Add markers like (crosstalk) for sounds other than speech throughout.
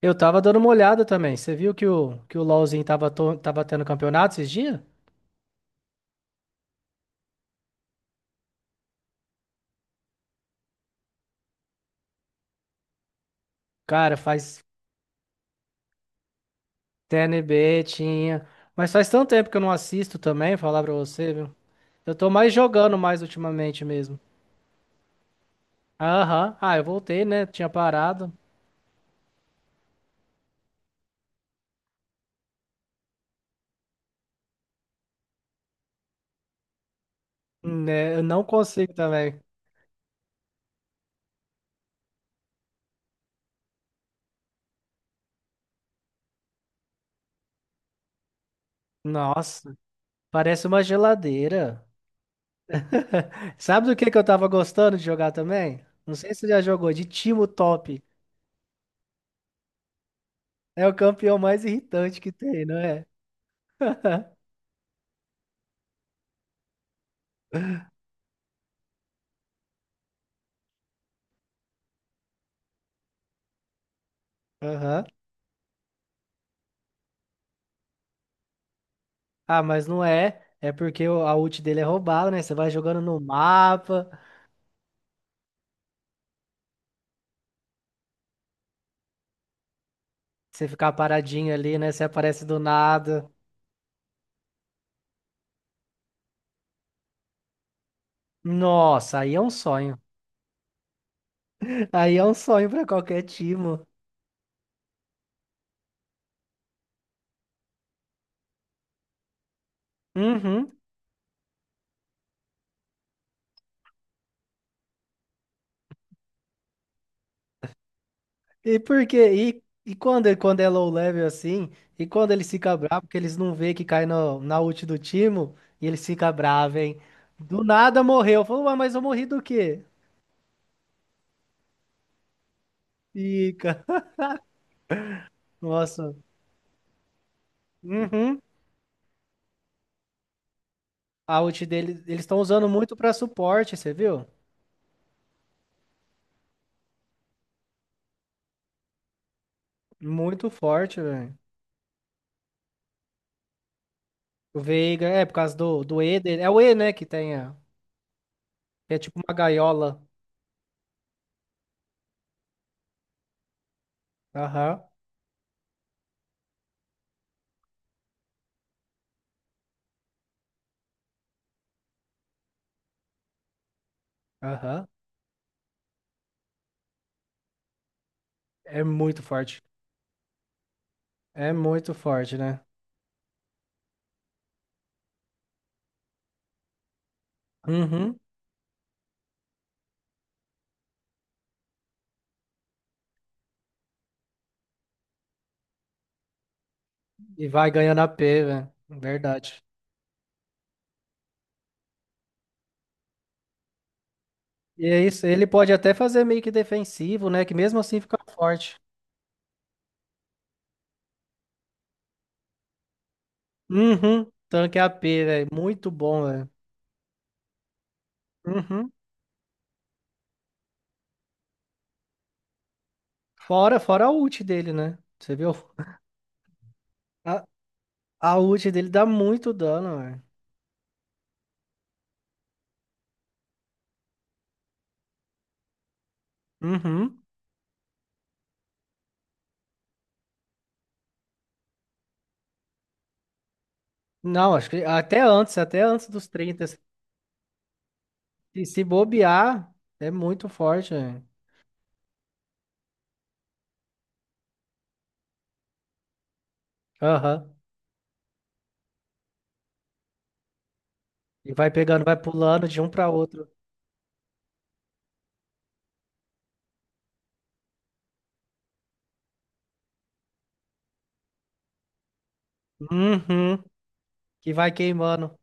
Eu tava dando uma olhada também. Você viu que o LoLzinho tava, tava tendo campeonato esses dias? Cara, faz TNB, tinha. Mas faz tanto tempo que eu não assisto também, falar pra você, viu? Eu tô mais jogando mais ultimamente mesmo. Aham. Ah, eu voltei, né? Tinha parado. Né? Eu não consigo também. Nossa, parece uma geladeira. (laughs) Sabe do que eu tava gostando de jogar também? Não sei se você já jogou, de Timo Top. É o campeão mais irritante que tem, não é? (laughs) Aham. Ah, mas não é. É porque a ult dele é roubada, né? Você vai jogando no mapa, você ficar paradinho ali, né? Você aparece do nada. Nossa, aí é um sonho. (laughs) Aí é um sonho pra qualquer time. Uhum. E por quê? E quando, quando é low level assim, e quando eles ficam bravos, porque eles não vê que cai no, na ult do time, e eles ficam bravos, hein? Do nada morreu. Falou, "Ué, mas eu morri do quê? Fica. (laughs) Nossa. Uhum. A ult dele, eles estão usando muito pra suporte, você viu? Muito forte, velho. O Veiga, é, por causa do E dele. É o E, né, que tem a que é tipo uma gaiola. Aham, aham. É muito forte. É muito forte, né? Uhum. E vai ganhando a P velho. Verdade. E é isso, ele pode até fazer meio que defensivo, né, que mesmo assim fica forte. Uhum. Tanque A P velho. Muito bom, velho. Uhum. Fora a ult dele, né? Você viu? (laughs) A, a ult dele dá muito dano, velho. Uhum. Não, acho que até antes dos 30. Se, se bobear, é muito forte, né? Aham. E vai pegando, vai pulando de um para outro. Uhum. Que vai queimando.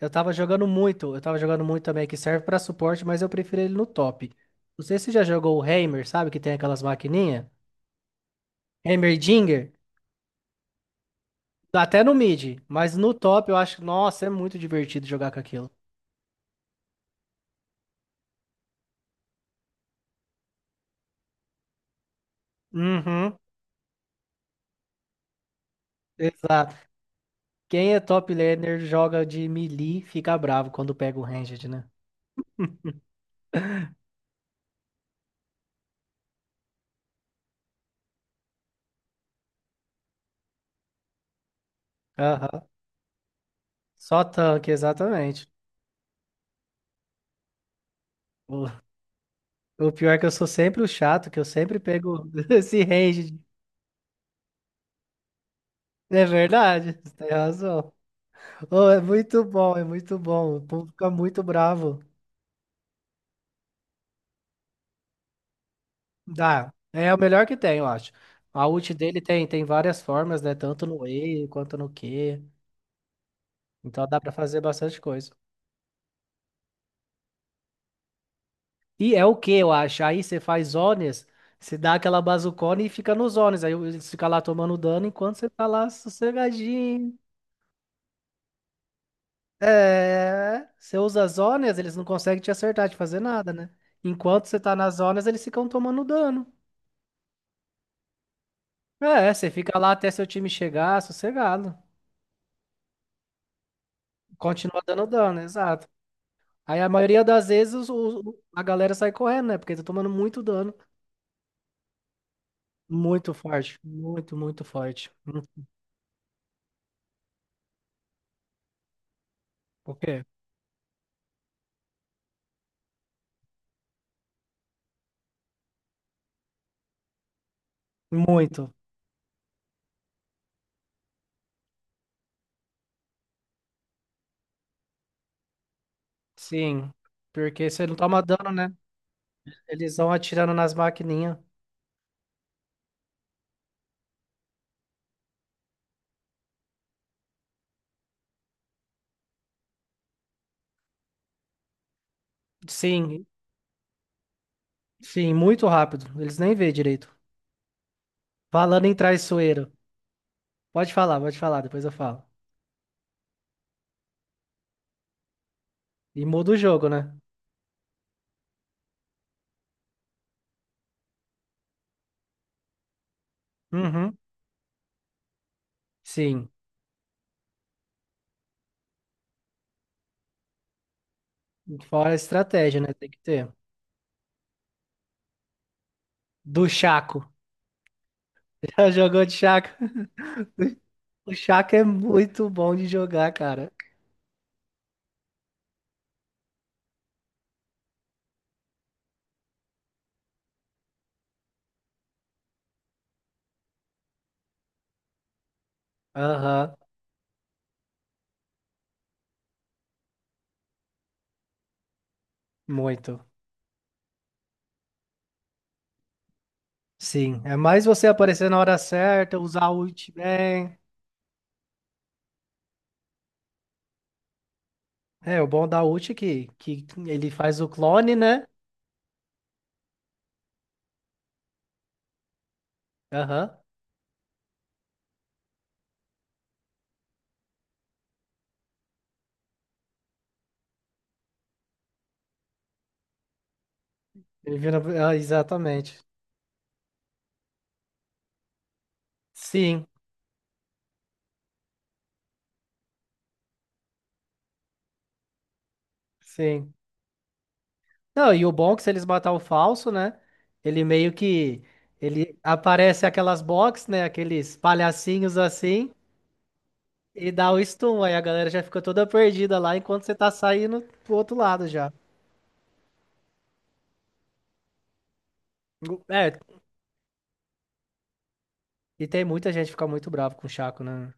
Eu tava jogando muito, eu tava jogando muito também, que serve pra suporte, mas eu prefiro ele no top. Não sei se você já jogou o Heimer, sabe? Que tem aquelas maquininhas. Heimerdinger. Até no mid, mas no top eu acho, nossa, é muito divertido jogar com aquilo. Uhum. Exato. Quem é top laner joga de melee, fica bravo quando pega o ranged, né? Aham. Só tanque, exatamente. O, o pior é que eu sou sempre o chato, que eu sempre pego (laughs) esse ranged. É verdade, você tem razão. Ô, é muito bom, é muito bom. O povo fica muito bravo. Dá. É o melhor que tem, eu acho. A ult dele tem, tem várias formas, né? Tanto no E quanto no Q. Então dá pra fazer bastante coisa. E é o que eu acho. Aí você faz zones, você dá aquela bazucona e fica nos zones. Aí eles ficam lá tomando dano enquanto você tá lá sossegadinho. É. Você usa as zonas, eles não conseguem te acertar, te fazer nada, né? Enquanto você tá nas zonas eles ficam tomando dano. É, você fica lá até seu time chegar, sossegado. Continua dando dano, exato. Aí a maioria das vezes a galera sai correndo, né? Porque tá tomando muito dano. Muito forte. Muito, muito forte. Hum. O quê? Muito. Sim, porque você não toma dano, né? Eles vão atirando nas maquininhas. Sim, sim, muito rápido. Eles nem vê direito. Falando em traiçoeiro. Pode falar, depois eu falo. E muda o jogo, né? Uhum. Sim. Fora a estratégia, né? Tem que ter. Do Chaco. (laughs) Já jogou de Chaco? (laughs) O Chaco é muito bom de jogar, cara. Aham, muito. Sim. É mais você aparecer na hora certa, usar o ult bem. É, o bom da ult é que ele faz o clone, né? Aham. Ele vira. Ah, exatamente. Sim, sim. Não, e o bom é que se eles matar o falso, né? Ele meio que. Ele aparece aquelas box, né? Aqueles palhacinhos assim. E dá o stun. Aí a galera já fica toda perdida lá enquanto você tá saindo pro outro lado já. É, e tem muita gente que fica muito bravo com o Chaco, né?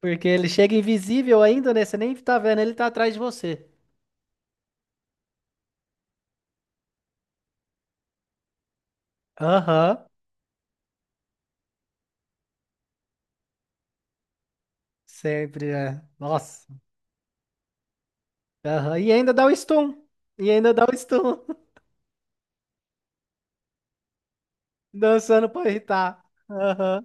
Porque ele chega invisível ainda, né? Você nem tá vendo, ele tá atrás de você. Aham. Sempre é. Nossa. Aham. E ainda dá o stun. E ainda dá o stun. (laughs) Dançando pra irritar. Aham.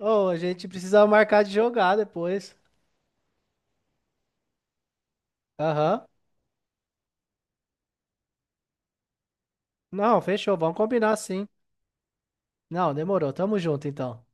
Oh, a gente precisa marcar de jogar depois. Aham. Não, fechou. Vamos combinar sim. Não, demorou. Tamo junto então.